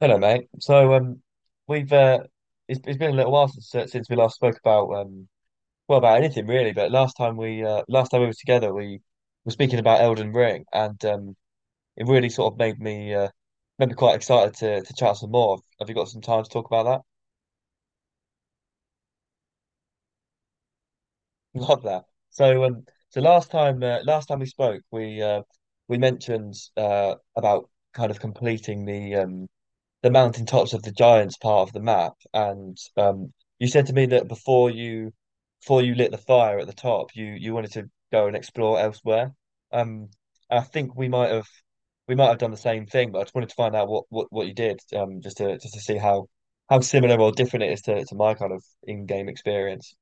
Hello, mate. So, we've it's been a little while since we last spoke about well, about anything really. But last time we were together, we were speaking about Elden Ring, and it really sort of made me quite excited to chat some more. Have you got some time to talk about that? Love that. So, um, so, last time we spoke, we mentioned about kind of completing the mountaintops of the Giants part of the map. And you said to me that before you lit the fire at the top, you wanted to go and explore elsewhere. Um, and I think we might have done the same thing, but I just wanted to find out what you did, just to see how similar or different it is to my kind of in-game experience.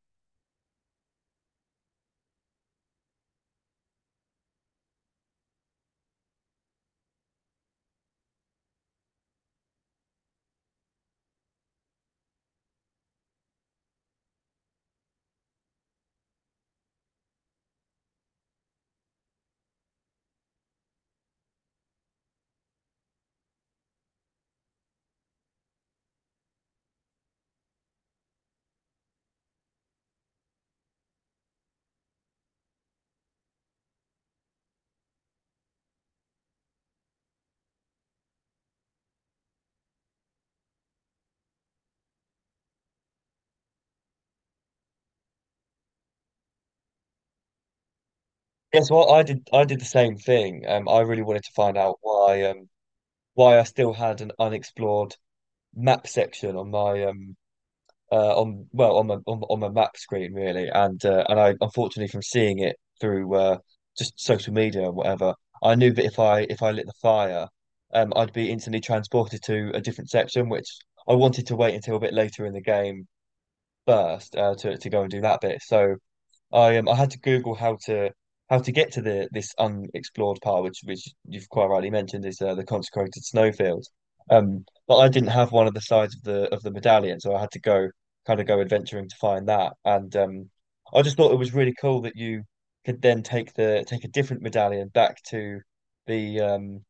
Yes, well, I did the same thing. I really wanted to find out why I still had an unexplored map section on, well, on the map screen really, and I, unfortunately, from seeing it through just social media and whatever, I knew that if I lit the fire, I'd be instantly transported to a different section, which I wanted to wait until a bit later in the game first, to go and do that bit. So I had to Google how to get to the this unexplored part, which you've quite rightly mentioned is, the consecrated snowfield. But I didn't have one of the sides of the medallion, so I had to go, go adventuring to find that. And I just thought it was really cool that you could then take the take a different medallion back to the um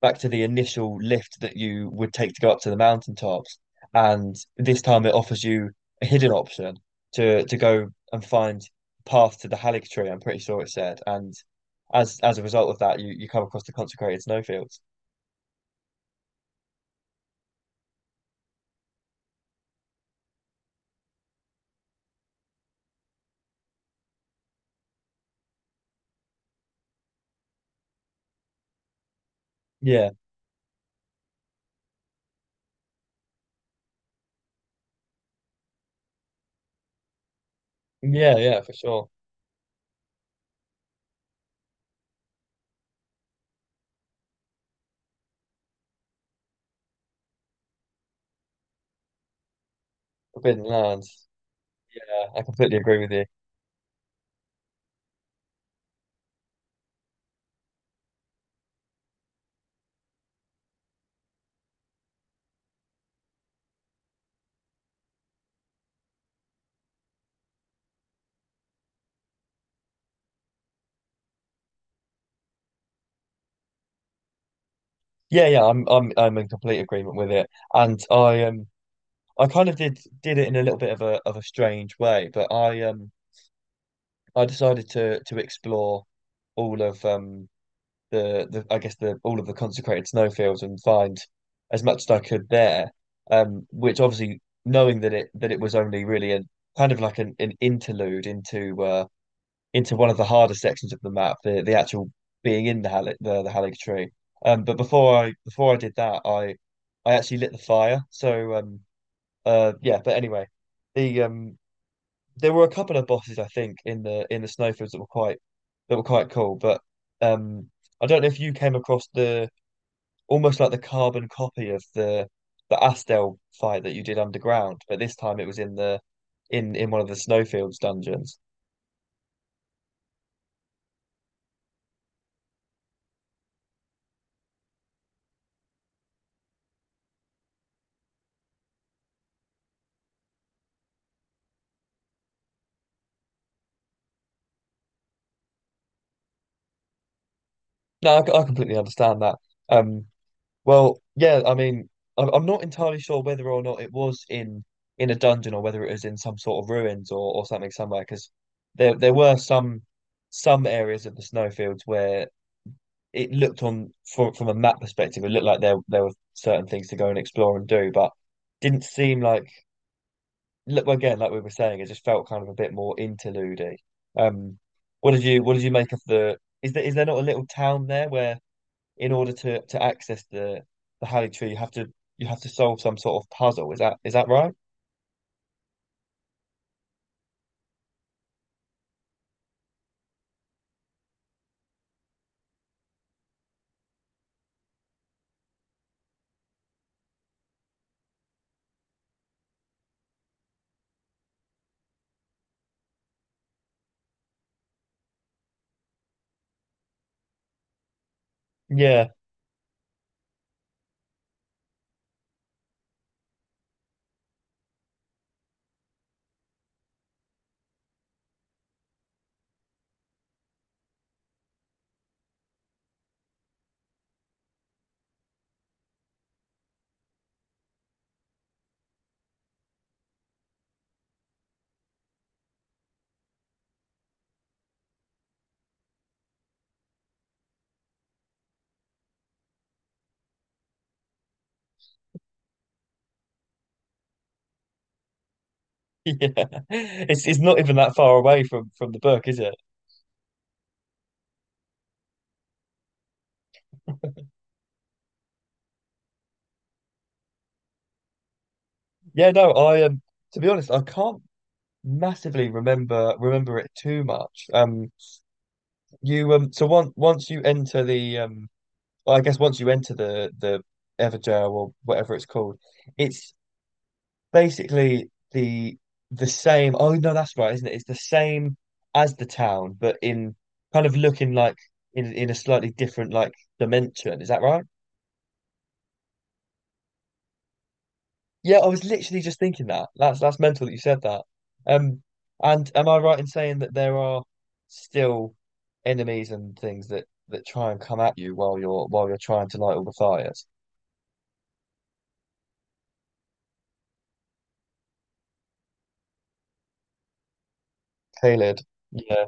back to the initial lift that you would take to go up to the mountaintops. And this time it offers you a hidden option to go and find path to the Halleck tree, I'm pretty sure it said. And as a result of that, you come across the consecrated snowfields. Yeah, yeah, yeah, for sure. Forbidden Lands. Yeah, I completely agree with you. Yeah, yeah, I'm in complete agreement with it. And I kind of did it in a little bit of a strange way, but I decided to explore all of the I guess the all of the consecrated snowfields and find as much as I could there. Which obviously, knowing that it was only really a kind of like an interlude into one of the harder sections of the map, the actual being in the Halleck tree. But before I did that, I actually lit the fire. So yeah, but anyway, the um there were a couple of bosses, I think, in the snowfields, that were quite cool. But um, I don't know if you came across the, almost like, the carbon copy of the Astel fight that you did underground, but this time it was in one of the snowfields dungeons. No, I completely understand that. Um, well, yeah, I mean, I'm not entirely sure whether or not it was in a dungeon or whether it was in some sort of ruins or something somewhere because there were some areas of the snowfields where it looked on, from a map perspective, it looked like there were certain things to go and explore and do, but didn't seem like, look, again, like we were saying, it just felt kind of a bit more interlude-y. Um, what did you make of the, is there not a little town there where in order to access the Halley Tree you have to, solve some sort of puzzle? Is that right? Yeah. Yeah. It's not even that far away from the book, is it? Yeah, no, I to be honest, I can't massively remember it too much. You So, once you enter the well, I guess once you enter the Everjail or whatever it's called, it's basically the same. Oh no, that's right, isn't it? It's the same as the town, but in kind of looking like in a slightly different, like, dimension. Is that right? Yeah, I was literally just thinking that. That's mental that you said that. Um, and am I right in saying that there are still enemies and things that try and come at you while you're trying to light all the fires? Caled. Yeah.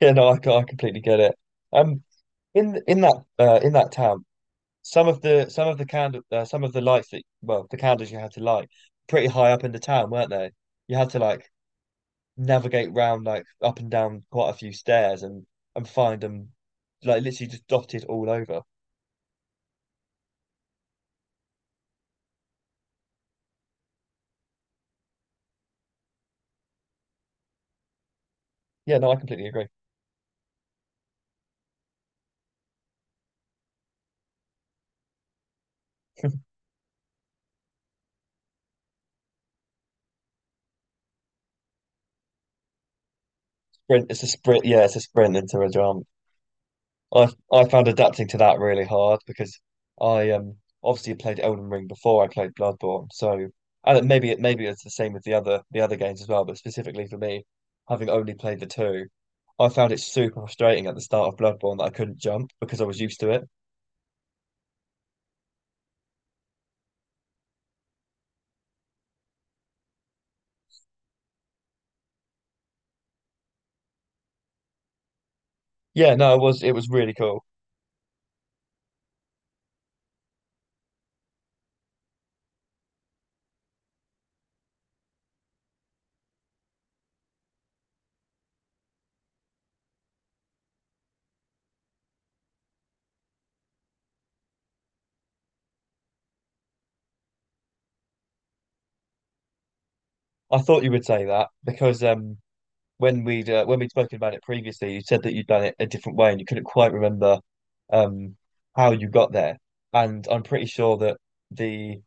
Yeah, no, I completely get it. Um, in that, in that town, some of the lights that, well, the candles you had to light pretty high up in the town, weren't they? You had to like navigate round like up and down quite a few stairs and find them like literally just dotted all over. Yeah, no, I completely agree. Sprint, it's a sprint. Yeah, it's a sprint into a jump. I found adapting to that really hard because I obviously played Elden Ring before I played Bloodborne, so, and it maybe it's the same with the other games as well, but specifically for me, having only played the two, I found it super frustrating at the start of Bloodborne that I couldn't jump because I was used to it. Yeah, no, it was really cool. I thought you would say that because when we'd spoken about it previously, you said that you'd done it a different way and you couldn't quite remember, um, how you got there. And I'm pretty sure that the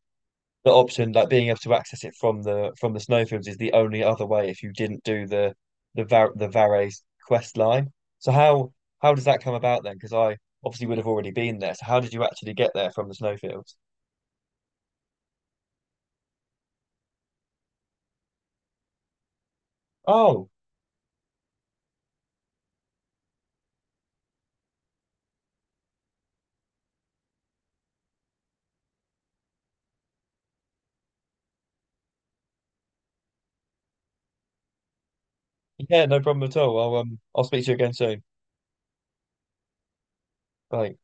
the option, like being able to access it from the snowfields, is the only other way if you didn't do the Var the Vare's quest line. So how does that come about then? Because I obviously would have already been there. So how did you actually get there from the snowfields? Oh, yeah, no problem at all. I'll speak to you again soon. Bye.